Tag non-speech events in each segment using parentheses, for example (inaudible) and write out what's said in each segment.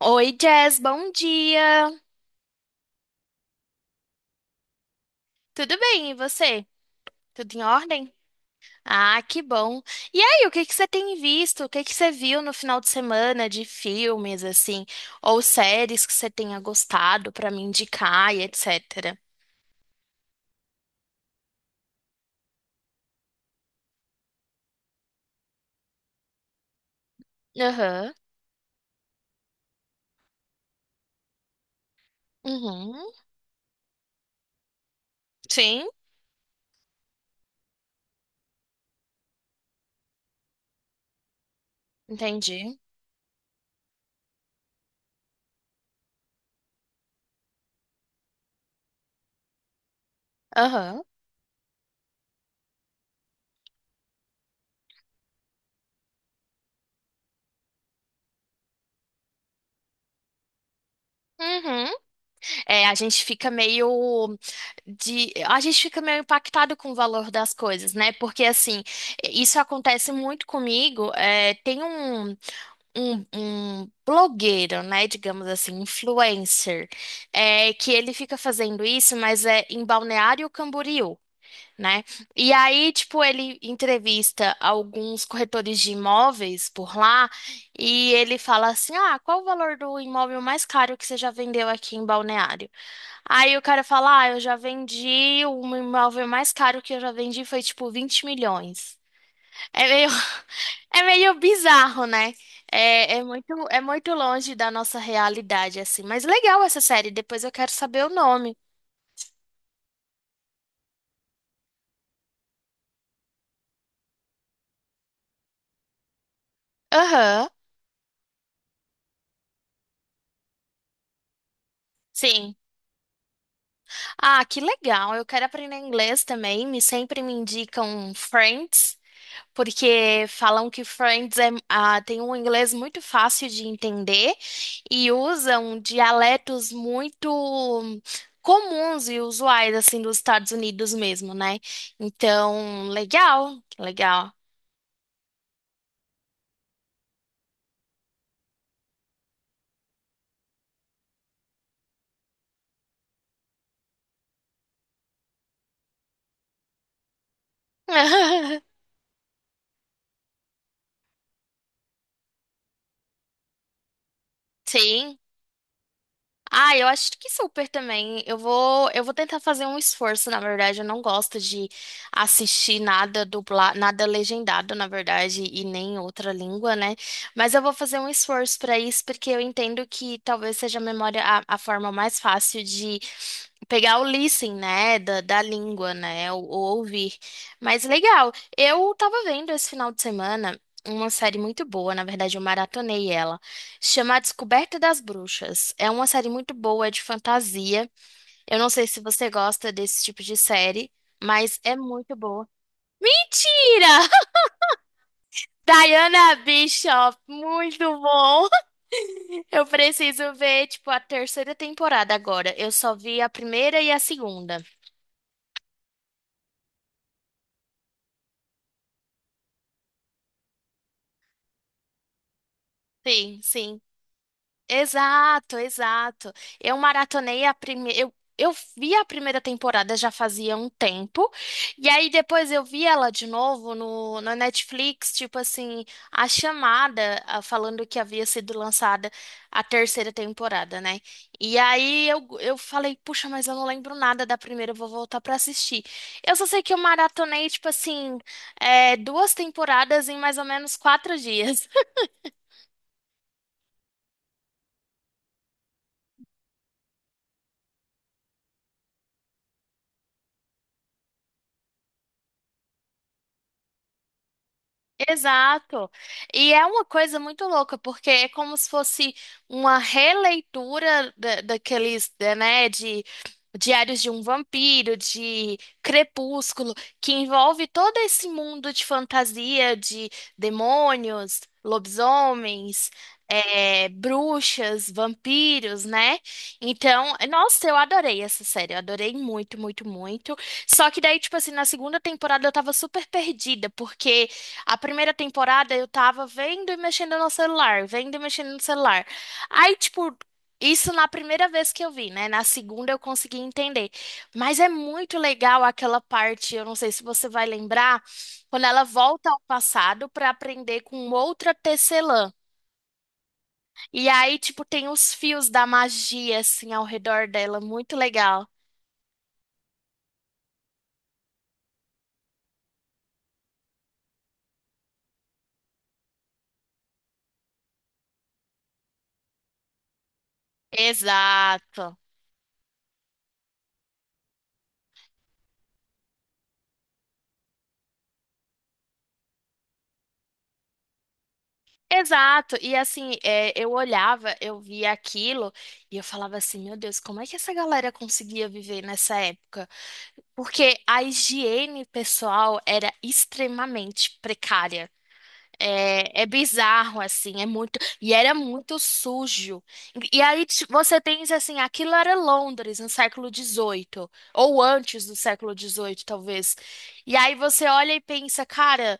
Oi, Jess, bom dia. Tudo bem, e você? Tudo em ordem? Ah, que bom. E aí, o que que você tem visto? O que que você viu no final de semana de filmes, assim, ou séries que você tenha gostado pra me indicar e etc. Aham. Uhum. Sim, entendi. Aham. Uhum. É, a gente fica meio de, a gente fica meio impactado com o valor das coisas, né? Porque assim, isso acontece muito comigo. É, tem um blogueiro, né? Digamos assim, influencer, é, que ele fica fazendo isso, mas é em Balneário Camboriú, né? E aí, tipo, ele entrevista alguns corretores de imóveis por lá e ele fala assim: Ah, qual o valor do imóvel mais caro que você já vendeu aqui em Balneário? Aí o cara fala: Ah, eu já vendi, o imóvel mais caro que eu já vendi foi tipo 20 milhões. É meio, (laughs) é meio bizarro, né? É, é muito longe da nossa realidade, assim. Mas legal essa série, depois eu quero saber o nome. Aham, sim. Ah, que legal. Eu quero aprender inglês também. Me sempre me indicam Friends. Porque falam que Friends é, ah, tem um inglês muito fácil de entender e usam dialetos muito comuns e usuais, assim, dos Estados Unidos mesmo, né? Então, legal, legal. (laughs) Sim. Ah, eu acho que super também. Eu vou tentar fazer um esforço, na verdade. Eu não gosto de assistir nada dublado, nada legendado, na verdade, e nem em outra língua, né? Mas eu vou fazer um esforço para isso, porque eu entendo que talvez seja a memória a forma mais fácil de pegar o listening, né, da língua, né, ou ouvir. Mas legal. Eu tava vendo esse final de semana uma série muito boa, na verdade, eu maratonei ela. Se Chama A Descoberta das Bruxas. É uma série muito boa, é de fantasia. Eu não sei se você gosta desse tipo de série, mas é muito boa. Mentira! (laughs) Diana Bishop, muito bom! (laughs) Eu preciso ver, tipo, a terceira temporada agora. Eu só vi a primeira e a segunda. Sim, sim. Exato, exato. Eu maratonei a primeira. Eu vi a primeira temporada já fazia um tempo. E aí depois eu vi ela de novo no Netflix, tipo assim, a chamada ah, falando que havia sido lançada a terceira temporada, né? E aí eu falei, puxa, mas eu não lembro nada da primeira, eu vou voltar pra assistir. Eu só sei que eu maratonei, tipo assim, é, duas temporadas em mais ou menos 4 dias. Exato. E é uma coisa muito louca, porque é como se fosse uma releitura da, daqueles, da- né, de Diários de um Vampiro, de Crepúsculo, que envolve todo esse mundo de fantasia, de demônios, lobisomens, é, bruxas, vampiros, né? Então, nossa, eu adorei essa série, eu adorei muito, muito, muito. Só que daí, tipo assim, na segunda temporada eu tava super perdida, porque a primeira temporada eu tava vendo e mexendo no celular, vendo e mexendo no celular. Aí, tipo, isso na primeira vez que eu vi, né? Na segunda eu consegui entender. Mas é muito legal aquela parte, eu não sei se você vai lembrar, quando ela volta ao passado pra aprender com outra tecelã. E aí, tipo, tem os fios da magia assim ao redor dela, muito legal. Exato. Exato, e assim, é, eu olhava, eu via aquilo e eu falava assim, meu Deus, como é que essa galera conseguia viver nessa época? Porque a higiene pessoal era extremamente precária. É, é bizarro, assim, é muito. E era muito sujo. E aí ti- você pensa assim, aquilo era Londres no século 18, ou antes do século 18, talvez. E aí você olha e pensa, cara.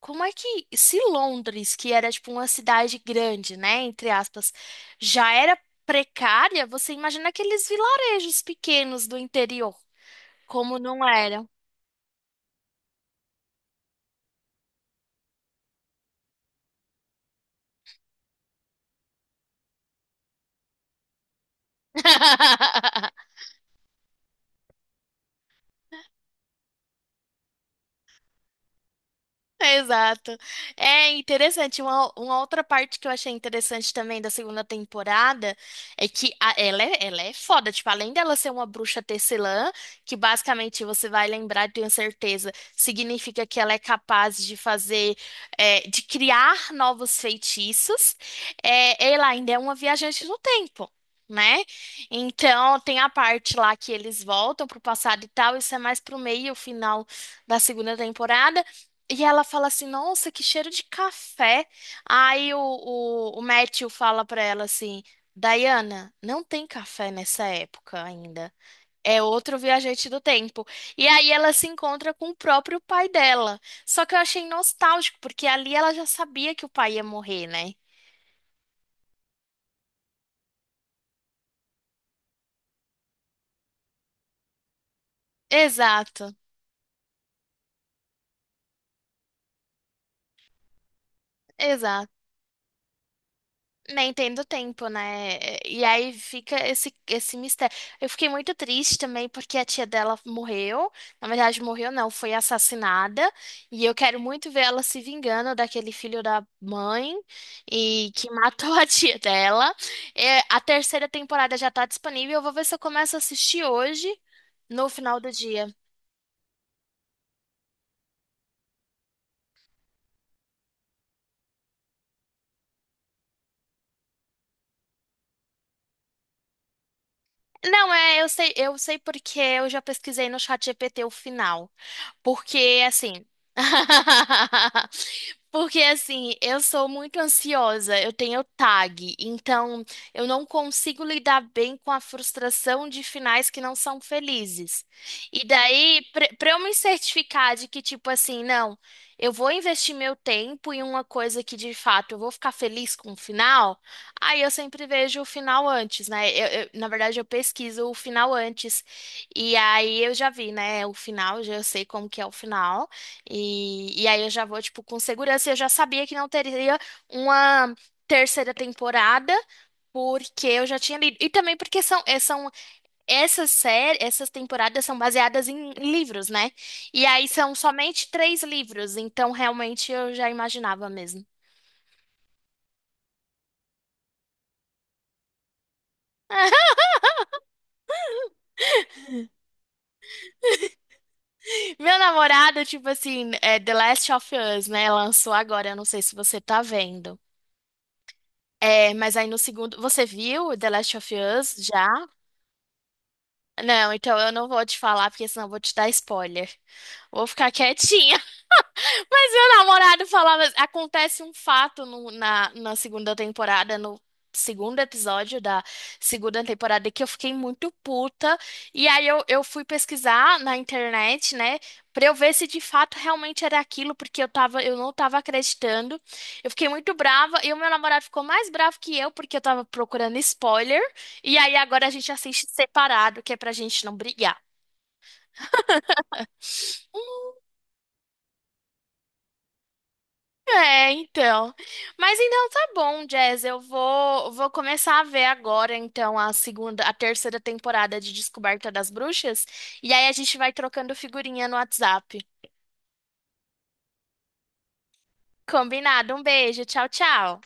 Como é que, se Londres, que era tipo uma cidade grande, né, entre aspas, já era precária, você imagina aqueles vilarejos pequenos do interior, como não eram? (laughs) É, Exato. É interessante. Uma outra parte que eu achei interessante também da segunda temporada é que a- ela é foda. Tipo, além dela ser uma bruxa tecelã, que basicamente você vai lembrar, tenho certeza, significa que ela é capaz de fazer, é, de criar novos feitiços, é, ela ainda é uma viajante no tempo. Né? Então, tem a parte lá que eles voltam pro passado e tal, isso é mais pro meio, final da segunda temporada. E ela fala assim, nossa, que cheiro de café. Aí o Matthew fala pra ela assim, Diana, não tem café nessa época ainda. É outro viajante do tempo. E aí ela se encontra com o próprio pai dela. Só que eu achei nostálgico, porque ali ela já sabia que o pai ia morrer, né? Exato, exato. Nem tendo tempo, né? E aí fica esse, esse mistério. Eu fiquei muito triste também porque a tia dela morreu. Na verdade, morreu não, foi assassinada. E eu quero muito ver ela se vingando daquele filho da mãe e que (laughs) matou a tia dela. É, a terceira temporada já tá disponível. Eu vou ver se eu começo a assistir hoje, no final do dia. Não, é, eu sei porque eu já pesquisei no chat ChatGPT o final. Porque assim. (laughs) Porque assim, eu sou muito ansiosa, eu tenho TAG, então eu não consigo lidar bem com a frustração de finais que não são felizes. E daí, para eu me certificar de que, tipo assim, não, eu vou investir meu tempo em uma coisa que de fato eu vou ficar feliz com o final, aí eu sempre vejo o final antes, né? Eu- na verdade, eu pesquiso o final antes e aí eu já vi, né, o final, já eu sei como que é o final. E aí eu já vou, tipo, com segurança. Eu já sabia que não teria uma terceira temporada, porque eu já tinha lido. E também porque são, eh, são essas séries, essas temporadas são baseadas em livros, né? E aí são somente 3 livros, então realmente eu já imaginava mesmo. Meu namorado, tipo assim, é The Last of Us, né? Lançou agora, eu não sei se você tá vendo. É, mas aí no segundo. Você viu The Last of Us já? Não, então eu não vou te falar, porque senão eu vou te dar spoiler. Vou ficar quietinha. Mas meu namorado falava. Acontece um fato no- na, na segunda temporada, no segundo episódio da segunda temporada, que eu fiquei muito puta. E aí eu fui pesquisar na internet, né? Pra eu ver se de fato realmente era aquilo, porque eu tava, eu não tava acreditando. Eu fiquei muito brava e o meu namorado ficou mais bravo que eu, porque eu tava procurando spoiler. E aí agora a gente assiste separado, que é pra gente não brigar. É, então. Mas então tá bom, Jazz. Eu vou começar a ver agora, então, a segunda, a terceira temporada de Descoberta das Bruxas. E aí a gente vai trocando figurinha no WhatsApp. Combinado. Um beijo. Tchau, tchau.